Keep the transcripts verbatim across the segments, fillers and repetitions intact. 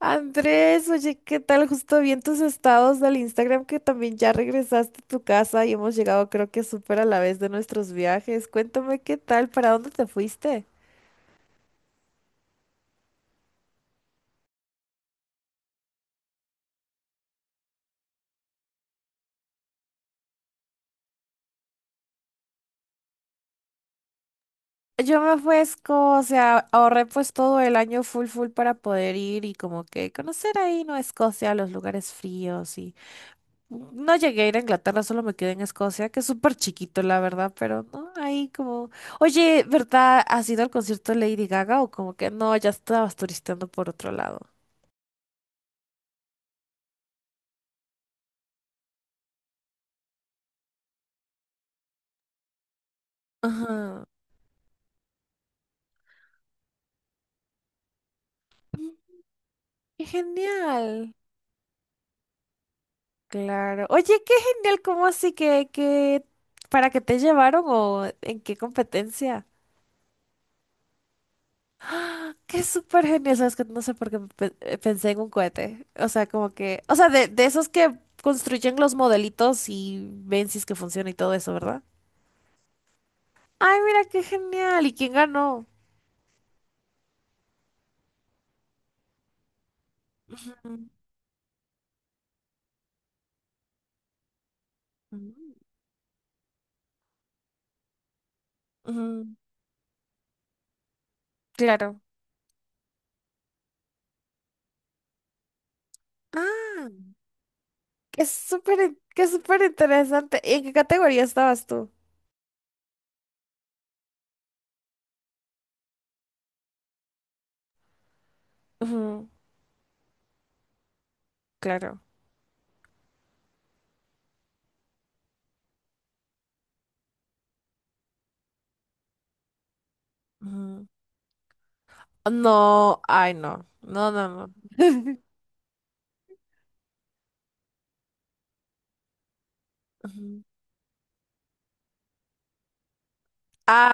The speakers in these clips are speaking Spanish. Andrés, oye, ¿qué tal? Justo vi en tus estados del Instagram que también ya regresaste a tu casa y hemos llegado creo que súper a la vez de nuestros viajes. Cuéntame qué tal, ¿para dónde te fuiste? Yo me fui a Escocia, ahorré pues todo el año full full para poder ir y como que conocer ahí, ¿no? Escocia, los lugares fríos y no llegué a ir a Inglaterra, solo me quedé en Escocia, que es súper chiquito la verdad, pero no, ahí como... Oye, ¿verdad? ¿Has ido al concierto de Lady Gaga o como que no, ya estabas turisteando por otro lado? Ajá. Mm, ¡qué genial! Claro. Oye, qué genial, ¿cómo así que, que para qué te llevaron o en qué competencia? Qué súper genial, sabes que no sé por qué pe- eh, pensé en un cohete. O sea, como que, o sea, de, de esos que construyen los modelitos y ven si es que funciona y todo eso, ¿verdad? Ay, mira, qué genial. ¿Y quién ganó? Ujú, ujú, ujú, claro. Ah, qué súper, in- qué súper interesante. ¿Y en qué categoría estabas tú? Claro. Ujú. No, ay, no. No, no, no. Ujú. Ah,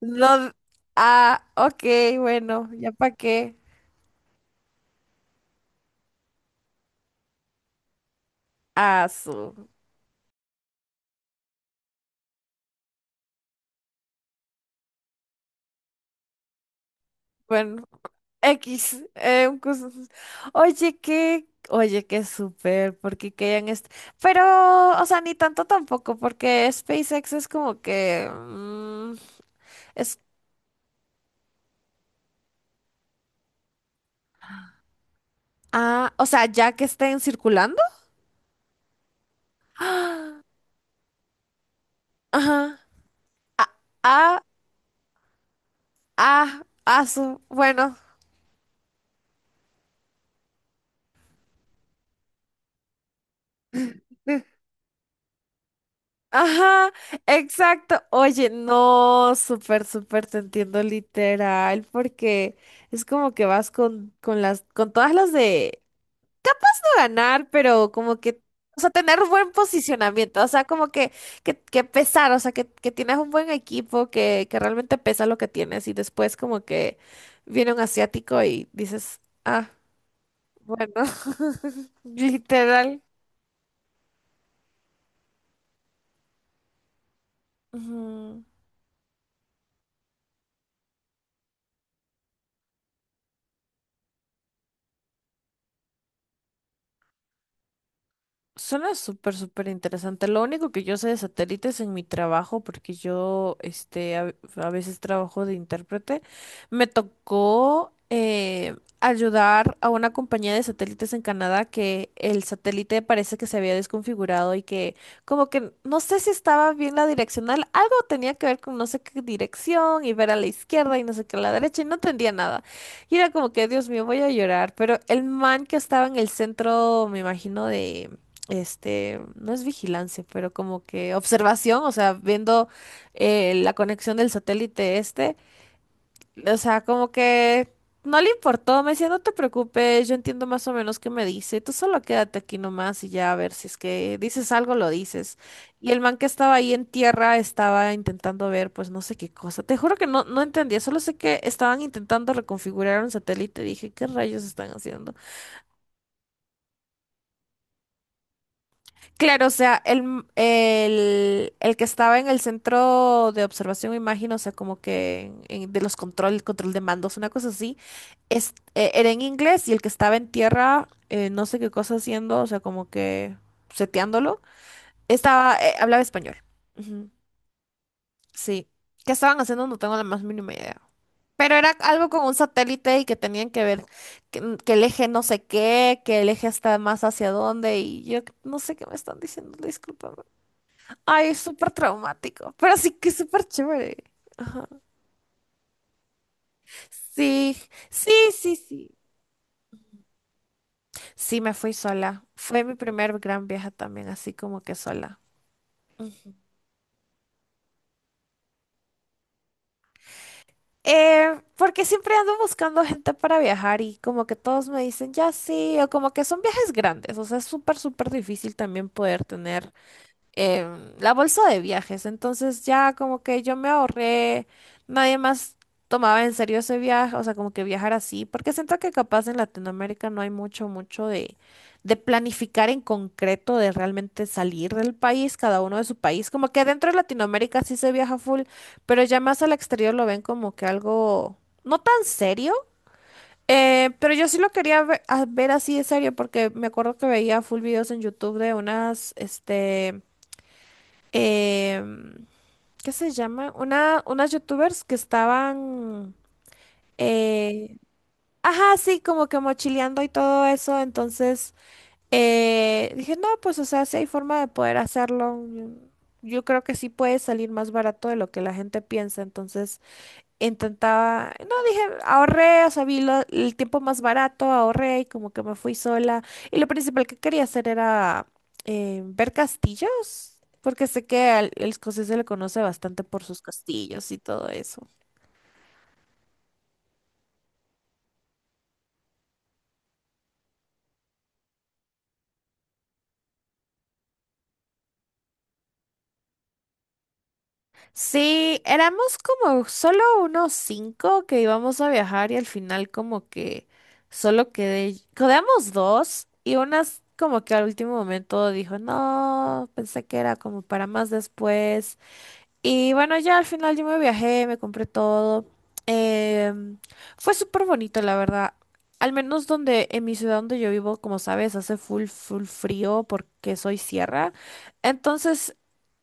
no. Ah, ok, bueno, ya para qué. Ah, su. Bueno, X. eh, un cos- oye, qué. Oye, qué súper, porque que hayan est- pero, o sea, ni tanto tampoco, porque SpaceX es como que. Mm, es. Ah, o sea, ya que estén circulando. Ajá. Ah, ah, ah, ah, su. Bueno. Ajá, exacto. Oye, no, súper, súper te entiendo literal, porque es como que vas con, con las, con todas las de no ganar, pero como que, o sea, tener un buen posicionamiento, o sea, como que, que, que pesar, o sea, que, que tienes un buen equipo, que, que realmente pesa lo que tienes, y después como que viene un asiático y dices, ah, bueno, literal. Ujú. Suena súper, súper interesante. Lo único que yo sé de satélites en mi trabajo, porque yo este, a, a veces trabajo de intérprete, me tocó eh, ayudar a una compañía de satélites en Canadá que el satélite parece que se había desconfigurado y que como que no sé si estaba bien la direccional, algo tenía que ver con no sé qué dirección y ver a la izquierda y no sé qué a la derecha y no entendía nada. Y era como que, Dios mío, voy a llorar, pero el man que estaba en el centro, me imagino, de este, no es vigilancia, pero como que observación, o sea, viendo eh, la conexión del satélite este, o sea, como que no le importó, me decía, no te preocupes, yo entiendo más o menos qué me dice, tú solo quédate aquí nomás y ya a ver si es que dices algo, lo dices. Y el man que estaba ahí en tierra estaba intentando ver, pues no sé qué cosa, te juro que no, no entendía, solo sé que estaban intentando reconfigurar un satélite, dije, ¿qué rayos están haciendo? Claro, o sea, el, el, el que estaba en el centro de observación, me imagino, o sea, como que en- en- de los control, control de mandos, una cosa así, es, eh, era en inglés y el que estaba en tierra, eh, no sé qué cosa haciendo, o sea, como que seteándolo, estaba, eh, hablaba español. Ujú, sí. ¿Qué estaban haciendo? No tengo la más mínima idea. Pero era algo con un satélite y que tenían que ver que, que el eje no sé qué, que el eje está más hacia dónde y yo no sé qué me están diciendo, disculpa. Ay, es súper traumático, pero sí que es súper chévere. Ajá. Sí, sí, sí, sí. Sí, me fui sola. Fue mi primer gran viaje también, así como que sola. Mm. Eh, porque siempre ando buscando gente para viajar y como que todos me dicen, ya sí, o como que son viajes grandes, o sea, es súper, súper difícil también poder tener em, la bolsa de viajes. Entonces ya como que yo me ahorré, nadie más tomaba en serio ese viaje, o sea, como que viajar así, porque siento que capaz en Latinoamérica no hay mucho, mucho de, de planificar en concreto, de realmente salir del país, cada uno de su país. Como que dentro de Latinoamérica sí se viaja full, pero ya más al exterior lo ven como que algo no tan serio. Eh, pero yo sí lo quería ve- a- ver, así de serio porque me acuerdo que veía full videos en YouTube de unas, este, eh, ¿qué se llama? Una, unas youtubers que estaban, eh, ajá, sí, como que mochileando y todo eso, entonces eh, dije, no, pues o sea, si hay forma de poder hacerlo, yo creo que sí puede salir más barato de lo que la gente piensa, entonces intentaba, no dije, ahorré, o sea, vi lo- el tiempo más barato, ahorré y como que me fui sola. Y lo principal que quería hacer era eh, ver castillos, porque sé que al, el escocés se le conoce bastante por sus castillos y todo eso. Sí, éramos como solo unos cinco que íbamos a viajar y al final como que solo quedé, quedamos dos y unas como que al último momento dijo, no, pensé que era como para más después. Y bueno, ya al final yo me viajé, me compré todo. Em, Fue súper bonito, la verdad. Al menos donde, en mi ciudad donde yo vivo, como sabes, hace full, full frío porque soy sierra. Entonces,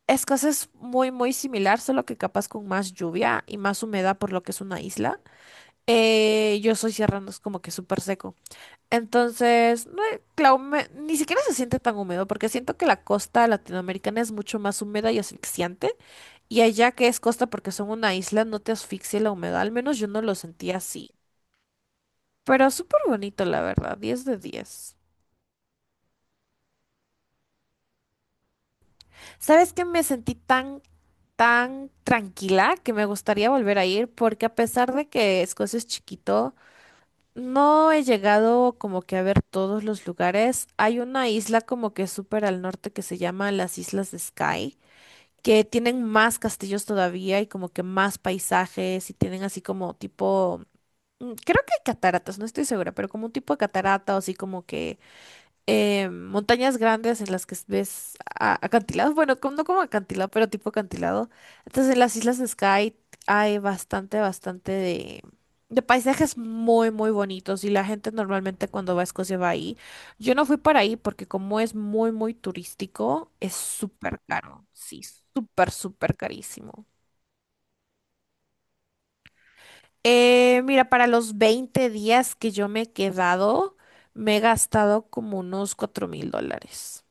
es casi es muy, muy similar, solo que capaz con más lluvia y más humedad por lo que es una isla. Eh, yo soy sierra, no es como que súper seco. Entonces, no, eh, la hume- ni siquiera se siente tan húmedo porque siento que la costa latinoamericana es mucho más húmeda y asfixiante. Y allá que es costa porque son una isla, no te asfixia la humedad, al menos yo no lo sentí así. Pero súper bonito, la verdad, diez de diez. ¿Sabes qué? Me sentí tan, tan tranquila que me gustaría volver a ir porque a pesar de que Escocia es chiquito, no he llegado como que a ver todos los lugares. Hay una isla como que súper al norte que se llama las Islas de Skye, que tienen más castillos todavía y como que más paisajes y tienen así como tipo. Mm, creo que hay cataratas, no estoy segura, pero como un tipo de catarata o así como que eh, montañas grandes en las que ves a- acantilados, bueno, como- no como acantilado, pero tipo acantilado. Entonces en las islas de Skye hay bastante, bastante de, de paisajes muy, muy bonitos y la gente normalmente cuando va a Escocia va ahí. Yo no fui para ahí porque como es muy, muy turístico, es súper caro, sí, súper, súper carísimo. Eh, mira, para los veinte días que yo me he quedado, me he gastado como unos cuatro mil dólares.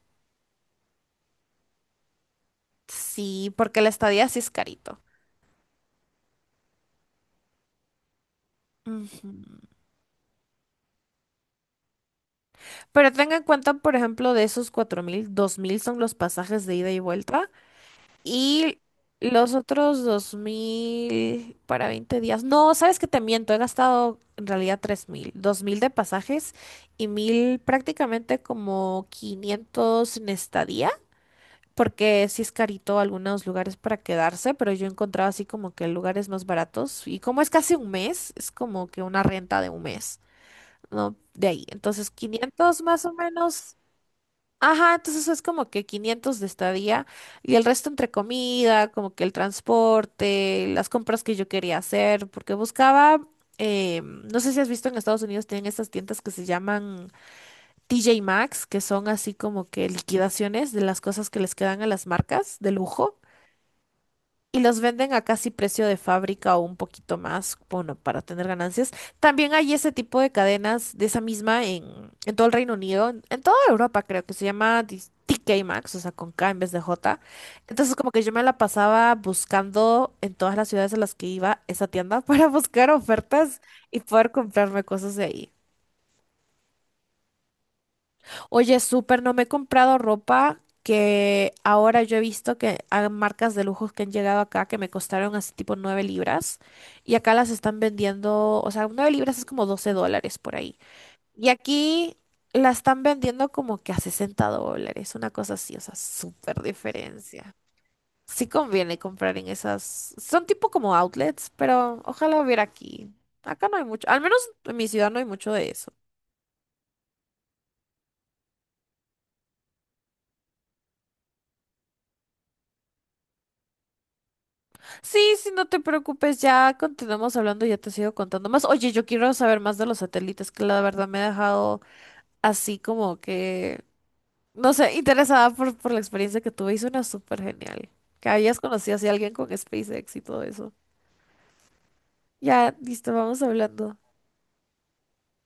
Sí, porque la estadía sí es carito. Ujú. Pero tenga en cuenta, por ejemplo, de esos cuatro mil, dos mil son los pasajes de ida y vuelta y los otros dos mil para veinte días. No, sabes que te miento, he gastado en realidad tres mil, dos mil de pasajes y mil prácticamente como quinientos en estadía porque sí es carito algunos lugares para quedarse, pero yo he encontrado así como que lugares más baratos. Y como es casi un mes, es como que una renta de un mes, ¿no? De ahí. Entonces, quinientos más o menos. Ajá, entonces es como que quinientos de estadía y el resto entre comida, como que el transporte, las compras que yo quería hacer, porque buscaba, eh, no sé si has visto en Estados Unidos tienen estas tiendas que se llaman T J Maxx, que son así como que liquidaciones de las cosas que les quedan a las marcas de lujo y los venden a casi precio de fábrica o un poquito más, bueno, para tener ganancias. También hay ese tipo de cadenas de esa misma en, en todo el Reino Unido, en, en toda Europa creo que se llama dis- T K Maxx, o sea, con K en vez de J. Entonces como que yo me la pasaba buscando en todas las ciudades a las que iba esa tienda para buscar ofertas y poder comprarme cosas de ahí. Oye, súper, no me he comprado ropa que ahora yo he visto que hay marcas de lujos que han llegado acá que me costaron así tipo nueve libras y acá las están vendiendo, o sea, nueve libras es como doce dólares por ahí. Y aquí la están vendiendo como que a sesenta dólares, una cosa así, o sea, súper diferencia. Sí conviene comprar en esas, son tipo como outlets, pero ojalá hubiera aquí. Acá no hay mucho, al menos en mi ciudad no hay mucho de eso. Sí, sí, no te preocupes, ya continuamos hablando, ya te sigo contando más. Oye, yo quiero saber más de los satélites, que la verdad me ha dejado así como que, no sé, interesada por, por la experiencia que tuve y suena súper genial. Que habías conocido así a alguien con SpaceX y todo eso. Ya, listo, vamos hablando.